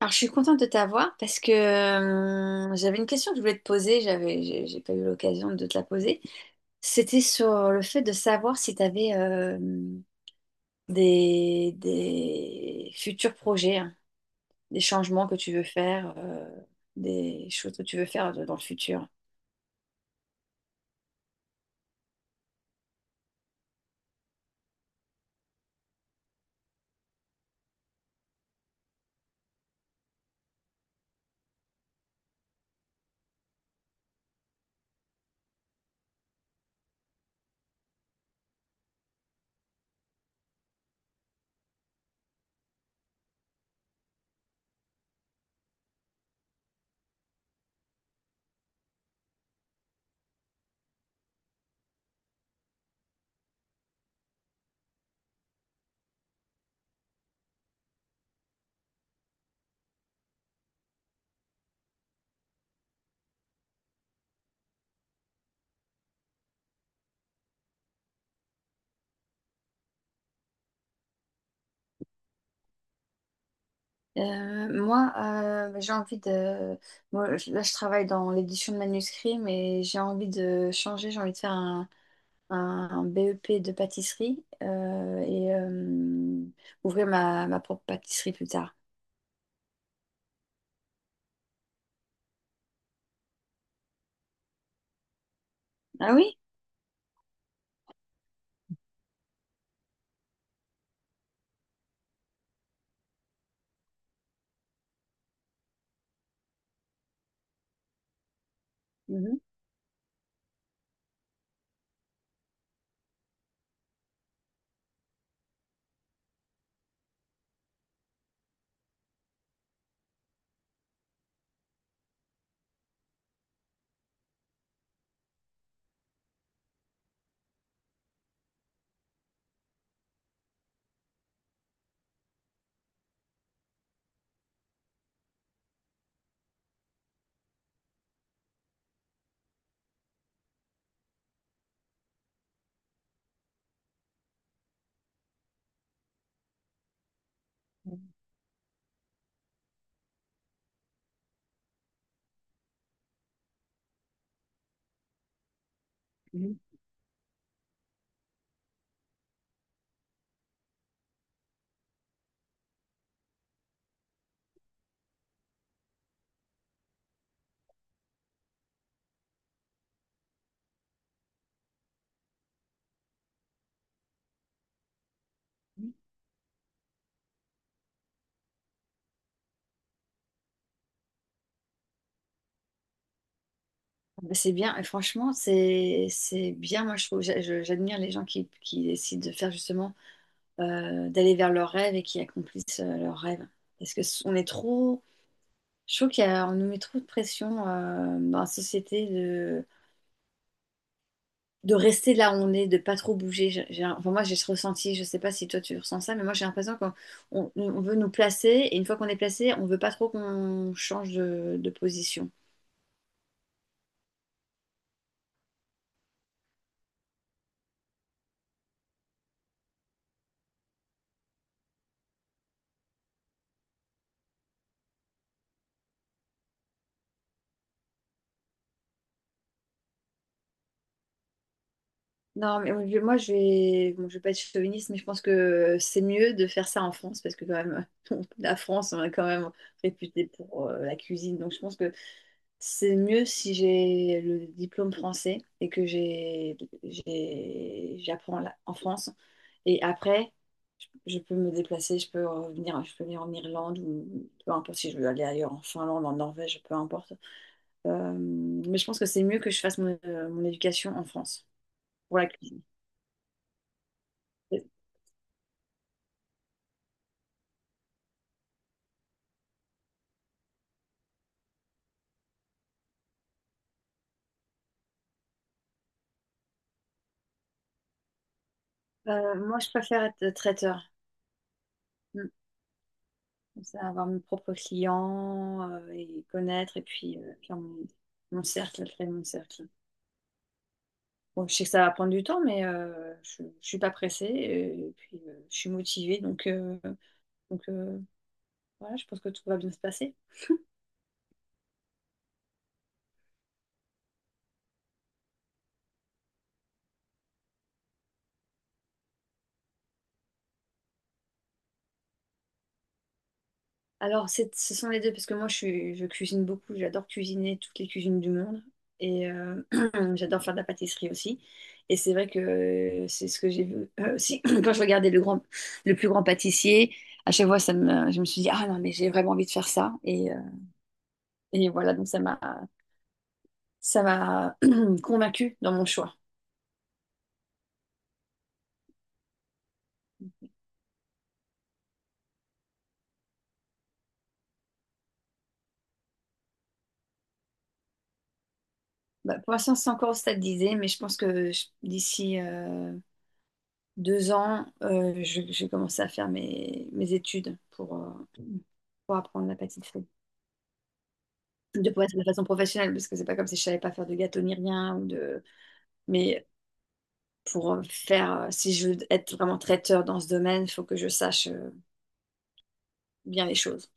Alors, je suis contente de t'avoir parce que j'avais une question que je voulais te poser, j'ai pas eu l'occasion de te la poser. C'était sur le fait de savoir si tu avais des futurs projets, hein, des changements que tu veux faire, des choses que tu veux faire dans le futur. Moi, j'ai envie de... là, je travaille dans l'édition de manuscrits, mais j'ai envie de changer, j'ai envie de faire un BEP de pâtisserie et ouvrir ma propre pâtisserie plus tard. Ah oui? Mhm. Mhm. Bah, c'est bien, et franchement, c'est bien, moi je trouve, j'admire les gens qui décident de faire justement, d'aller vers leurs rêves et qui accomplissent leurs rêves. Parce que on est trop, je trouve qu'on nous met trop de pression dans la société de rester là où on est, de pas trop bouger. J'ai enfin, moi, j'ai ce ressenti, je sais pas si toi tu ressens ça, mais moi j'ai l'impression qu'on on veut nous placer et une fois qu'on est placé, on veut pas trop qu'on change de position. Non, mais moi, je vais, bon, je vais pas être chauviniste, mais je pense que c'est mieux de faire ça en France parce que quand même, la France, on est quand même réputé pour la cuisine. Donc je pense que c'est mieux si j'ai le diplôme français et que j'apprends en France. Et après, je peux me déplacer, je peux revenir, je peux venir en Irlande ou peu importe si je veux aller ailleurs, en Finlande, en Norvège, peu importe. Mais je pense que c'est mieux que je fasse mon éducation en France. Pour la cuisine. Moi, je préfère être traiteur. Mm. Comme ça, avoir mes propres clients et connaître et puis faire mon cercle, créer mon cercle. Bon, je sais que ça va prendre du temps, mais je suis pas pressée et puis je suis motivée, donc, voilà, je pense que tout va bien se passer. Alors, ce sont les deux, parce que je cuisine beaucoup, j'adore cuisiner toutes les cuisines du monde et j'adore faire de la pâtisserie aussi. Et c'est vrai que c'est ce que j'ai vu aussi quand je regardais le plus grand pâtissier. À chaque fois, je me suis dit, ah non, mais j'ai vraiment envie de faire ça. Et voilà, ça m'a convaincue dans mon choix. Bah, pour l'instant, c'est encore au stade d'idée, mais je pense que d'ici 2 ans, je vais commencer à faire mes études pour apprendre la pâtisserie. De pouvoir faire de façon professionnelle, parce que c'est pas comme si je savais pas faire de gâteau ni rien, ou de... mais pour faire, si je veux être vraiment traiteur dans ce domaine, il faut que je sache bien les choses.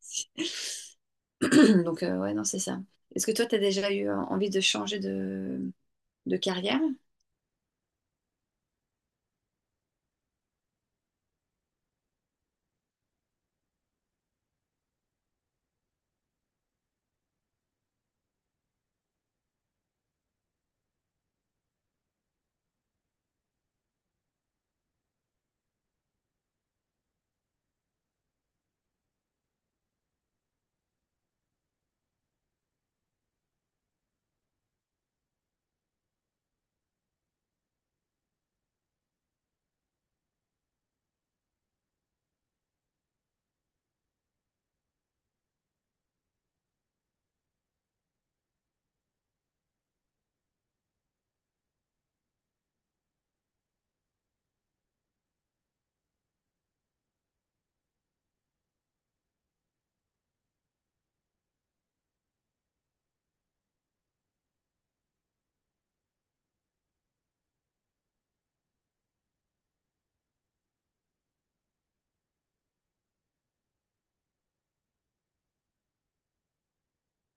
Donc, ouais, non, c'est ça. Est-ce que toi, tu as déjà eu envie de changer de carrière?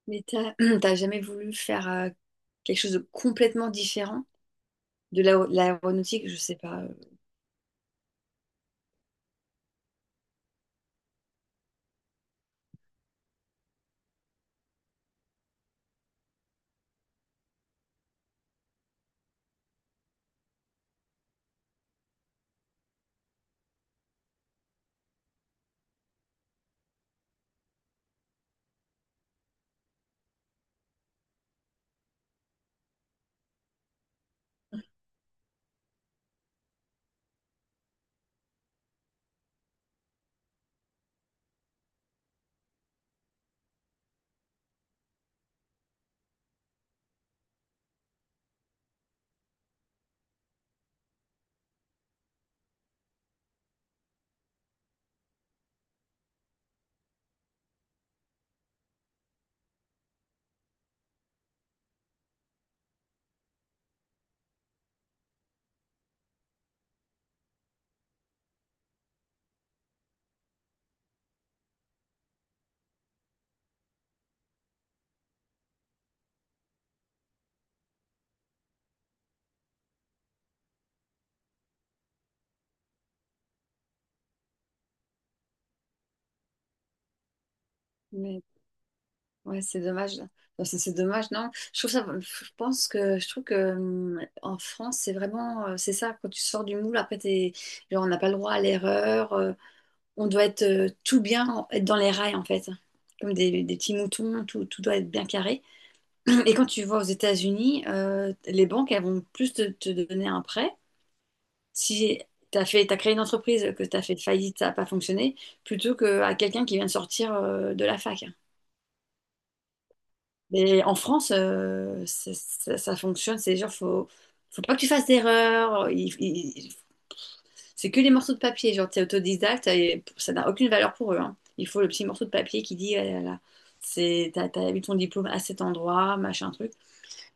Mais t'as jamais voulu faire quelque chose de complètement différent de l'aéronautique, je sais pas. Mais ouais, c'est dommage. Enfin, c'est dommage, non? Je pense que je trouve que en France, c'est vraiment, c'est ça, quand tu sors du moule, après t'es, genre, on n'a pas le droit à l'erreur. On doit être tout bien, être dans les rails en fait, comme des petits moutons, tout doit être bien carré. Et quand tu vas aux États-Unis, les banques, elles vont plus te donner un prêt si tu as fait, t'as créé une entreprise, que tu as fait faillite, ça n'a pas fonctionné, plutôt qu'à quelqu'un qui vient de sortir de la fac. Mais en France, ça fonctionne, c'est genre, faut pas que tu fasses d'erreur. C'est que les morceaux de papier, genre, t'es autodidacte, et ça n'a aucune valeur pour eux, hein. Il faut le petit morceau de papier qui dit, là, c'est, t'as eu ton diplôme à cet endroit, machin truc.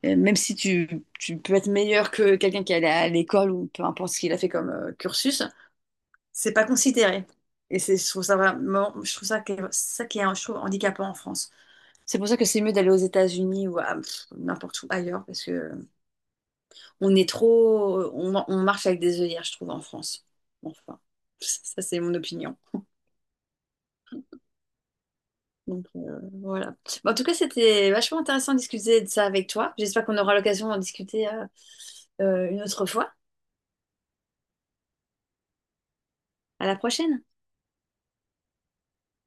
Même si tu peux être meilleur que quelqu'un qui est allé à l'école ou peu importe ce qu'il a fait comme cursus, c'est pas considéré. Et c'est, je trouve ça qui est, je trouve, handicapant en France. C'est pour ça que c'est mieux d'aller aux États-Unis ou à pff, n'importe où ailleurs, parce que on est trop, on marche avec des œillères, je trouve, en France. Enfin, ça c'est mon opinion. Donc voilà. Bon, en tout cas, c'était vachement intéressant de discuter de ça avec toi. J'espère qu'on aura l'occasion d'en discuter une autre fois. À la prochaine.